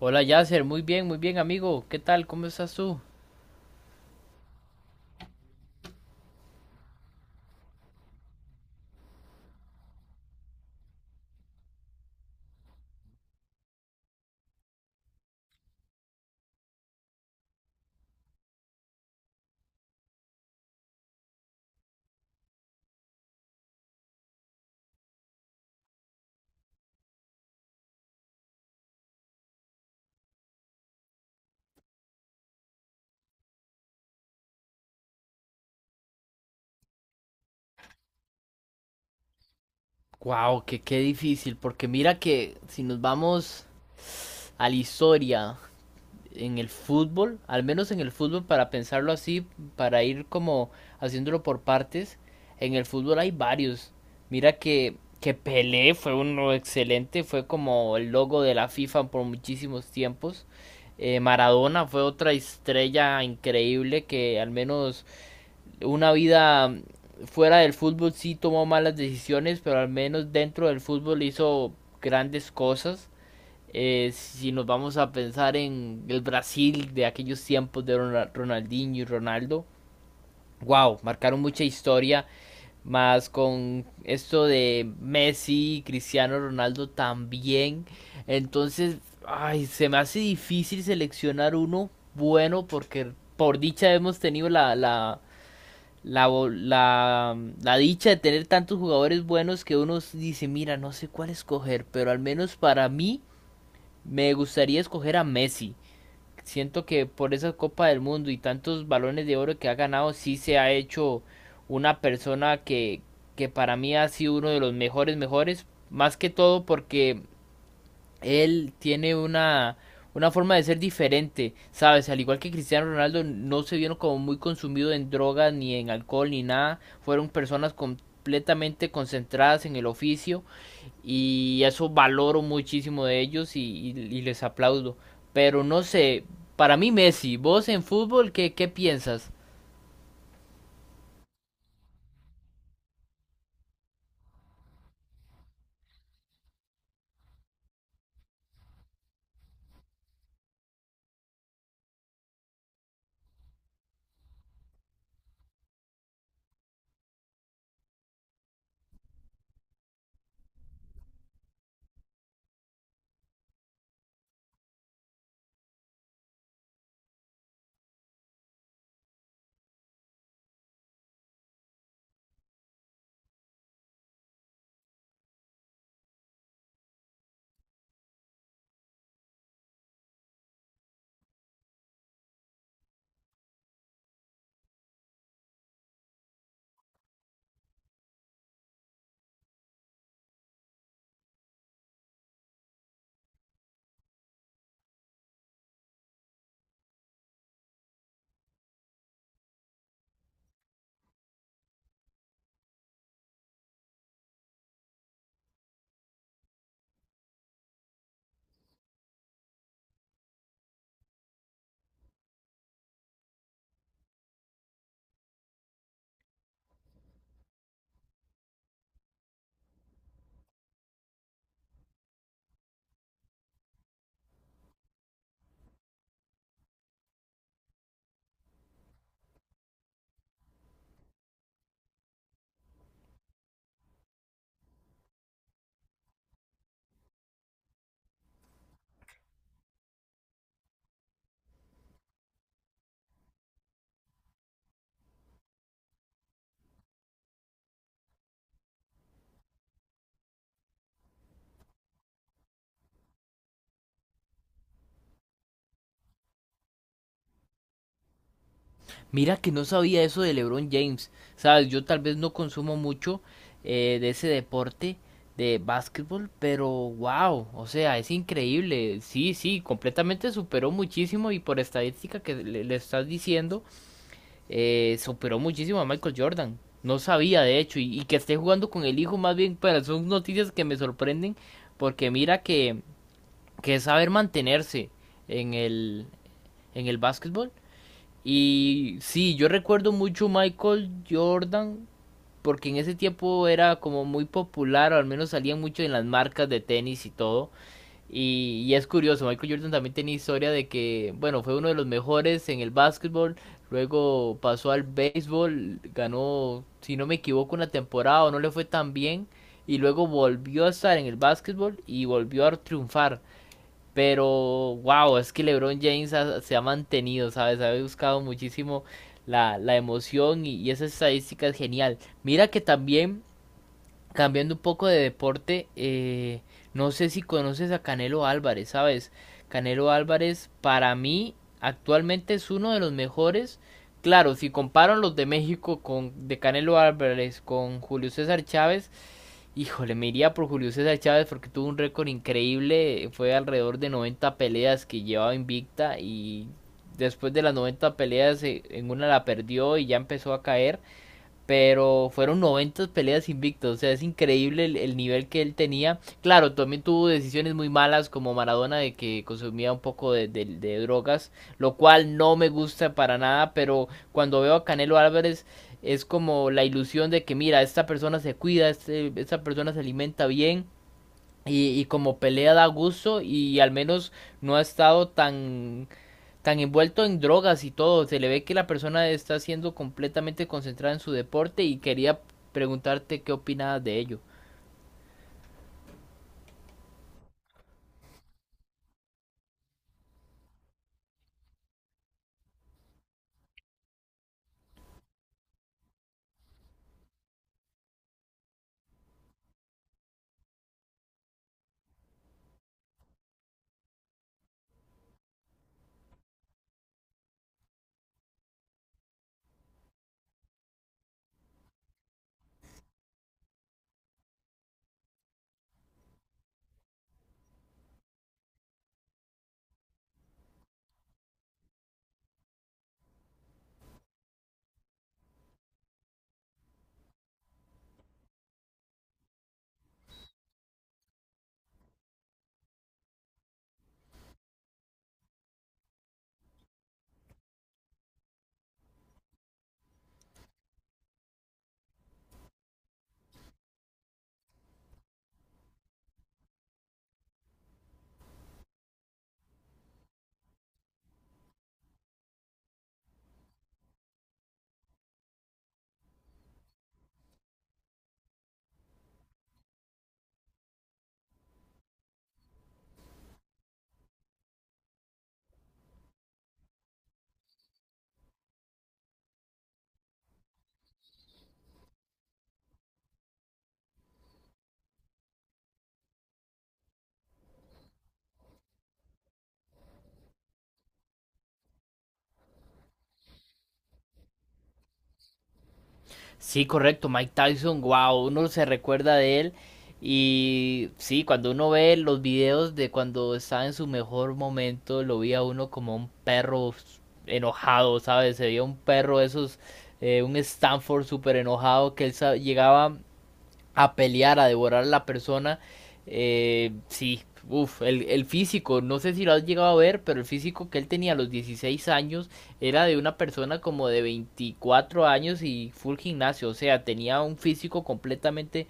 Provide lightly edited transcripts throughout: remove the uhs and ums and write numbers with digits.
Hola Yasser, muy bien amigo, ¿qué tal? ¿Cómo estás tú? Wow, que qué difícil, porque mira que si nos vamos a la historia en el fútbol, al menos en el fútbol para pensarlo así, para ir como haciéndolo por partes, en el fútbol hay varios. Mira que Pelé fue uno excelente, fue como el logo de la FIFA por muchísimos tiempos. Maradona fue otra estrella increíble que al menos una vida fuera del fútbol sí tomó malas decisiones, pero al menos dentro del fútbol hizo grandes cosas. Si nos vamos a pensar en el Brasil de aquellos tiempos de Ronaldinho y Ronaldo, wow, marcaron mucha historia, más con esto de Messi y Cristiano Ronaldo también. Entonces, ay, se me hace difícil seleccionar uno bueno porque por dicha hemos tenido la, la, la dicha de tener tantos jugadores buenos que uno dice, mira, no sé cuál escoger, pero al menos para mí me gustaría escoger a Messi. Siento que por esa Copa del Mundo y tantos balones de oro que ha ganado, sí se ha hecho una persona que para mí ha sido uno de los mejores, mejores, más que todo porque él tiene una forma de ser diferente, ¿sabes? Al igual que Cristiano Ronaldo, no se vieron como muy consumidos en drogas, ni en alcohol, ni nada. Fueron personas completamente concentradas en el oficio y eso valoro muchísimo de ellos y les aplaudo. Pero no sé, para mí Messi, vos en fútbol, ¿qué piensas? Mira que no sabía eso de LeBron James, ¿sabes? Yo tal vez no consumo mucho de ese deporte de básquetbol, pero wow, o sea, es increíble. Sí, sí, completamente superó muchísimo y por estadística que le estás diciendo, superó muchísimo a Michael Jordan. No sabía, de hecho, y que esté jugando con el hijo más bien, pero son noticias que me sorprenden porque mira que es saber mantenerse en el, en el básquetbol y sí, yo recuerdo mucho Michael Jordan porque en ese tiempo era como muy popular, o al menos salía mucho en las marcas de tenis y todo. Y es curioso, Michael Jordan también tenía historia de que, bueno, fue uno de los mejores en el básquetbol, luego pasó al béisbol, ganó, si no me equivoco, una temporada o no le fue tan bien, y luego volvió a estar en el básquetbol y volvió a triunfar. Pero, wow, es que se ha mantenido, ¿sabes? Ha buscado muchísimo la emoción y esa estadística es genial. Mira que también, cambiando un poco de deporte, no sé si conoces a Canelo Álvarez, ¿sabes? Canelo Álvarez para mí actualmente es uno de los mejores. Claro, si comparan los de México con de Canelo Álvarez con Julio César Chávez, híjole, me iría por Julio César Chávez porque tuvo un récord increíble. Fue alrededor de 90 peleas que llevaba invicta y después de las 90 peleas en una la perdió y ya empezó a caer. Pero fueron 90 peleas invictos, o sea, es increíble el nivel que él tenía. Claro, también tuvo decisiones muy malas como Maradona de que consumía un poco de drogas, lo cual no me gusta para nada, pero cuando veo a Canelo Álvarez es como la ilusión de que mira, esta persona se cuida, este, esta persona se alimenta bien y como pelea da gusto y al menos no ha estado tan envuelto en drogas y todo, se le ve que la persona está siendo completamente concentrada en su deporte y quería preguntarte qué opinabas de ello. Sí, correcto, Mike Tyson, wow, uno se recuerda de él y sí, cuando uno ve los videos de cuando estaba en su mejor momento, lo vi uno como un perro enojado, ¿sabes? Se veía un perro esos, un Stanford súper enojado que él llegaba a pelear, a devorar a la persona. Sí, uff, el físico, no sé si lo has llegado a ver, pero el físico que él tenía a los 16 años era de una persona como de 24 años y full gimnasio, o sea, tenía un físico completamente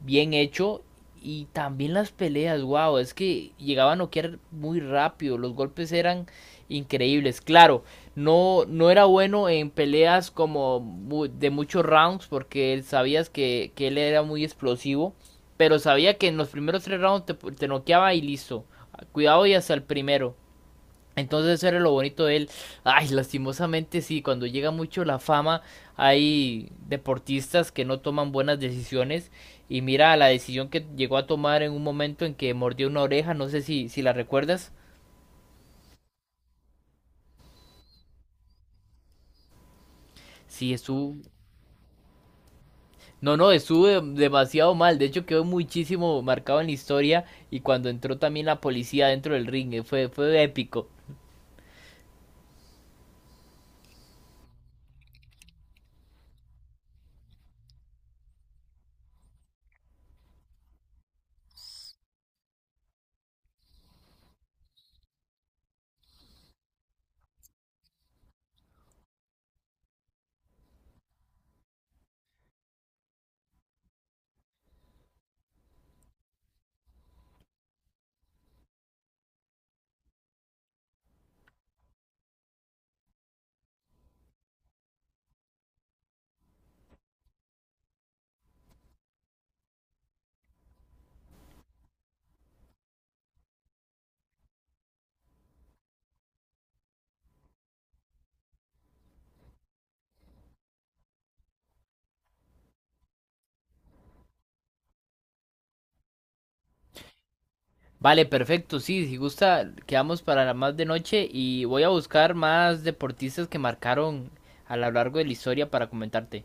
bien hecho. Y también las peleas, wow, es que llegaba a noquear muy rápido, los golpes eran increíbles. Claro, no, no era bueno en peleas como de muchos rounds porque él sabías que él era muy explosivo, pero sabía que en los primeros 3 rounds te noqueaba y listo. Cuidado y hasta el primero. Entonces eso era lo bonito de él. Ay, lastimosamente sí, cuando llega mucho la fama hay deportistas que no toman buenas decisiones y mira la decisión que llegó a tomar en un momento en que mordió una oreja, no sé si, si la recuerdas. Sí estuvo... No, no, estuvo demasiado mal, de hecho quedó muchísimo marcado en la historia y cuando entró también la policía dentro del ring, fue, fue épico. Vale, perfecto, sí, si gusta, quedamos para la más de noche y voy a buscar más deportistas que marcaron a lo largo de la historia para comentarte.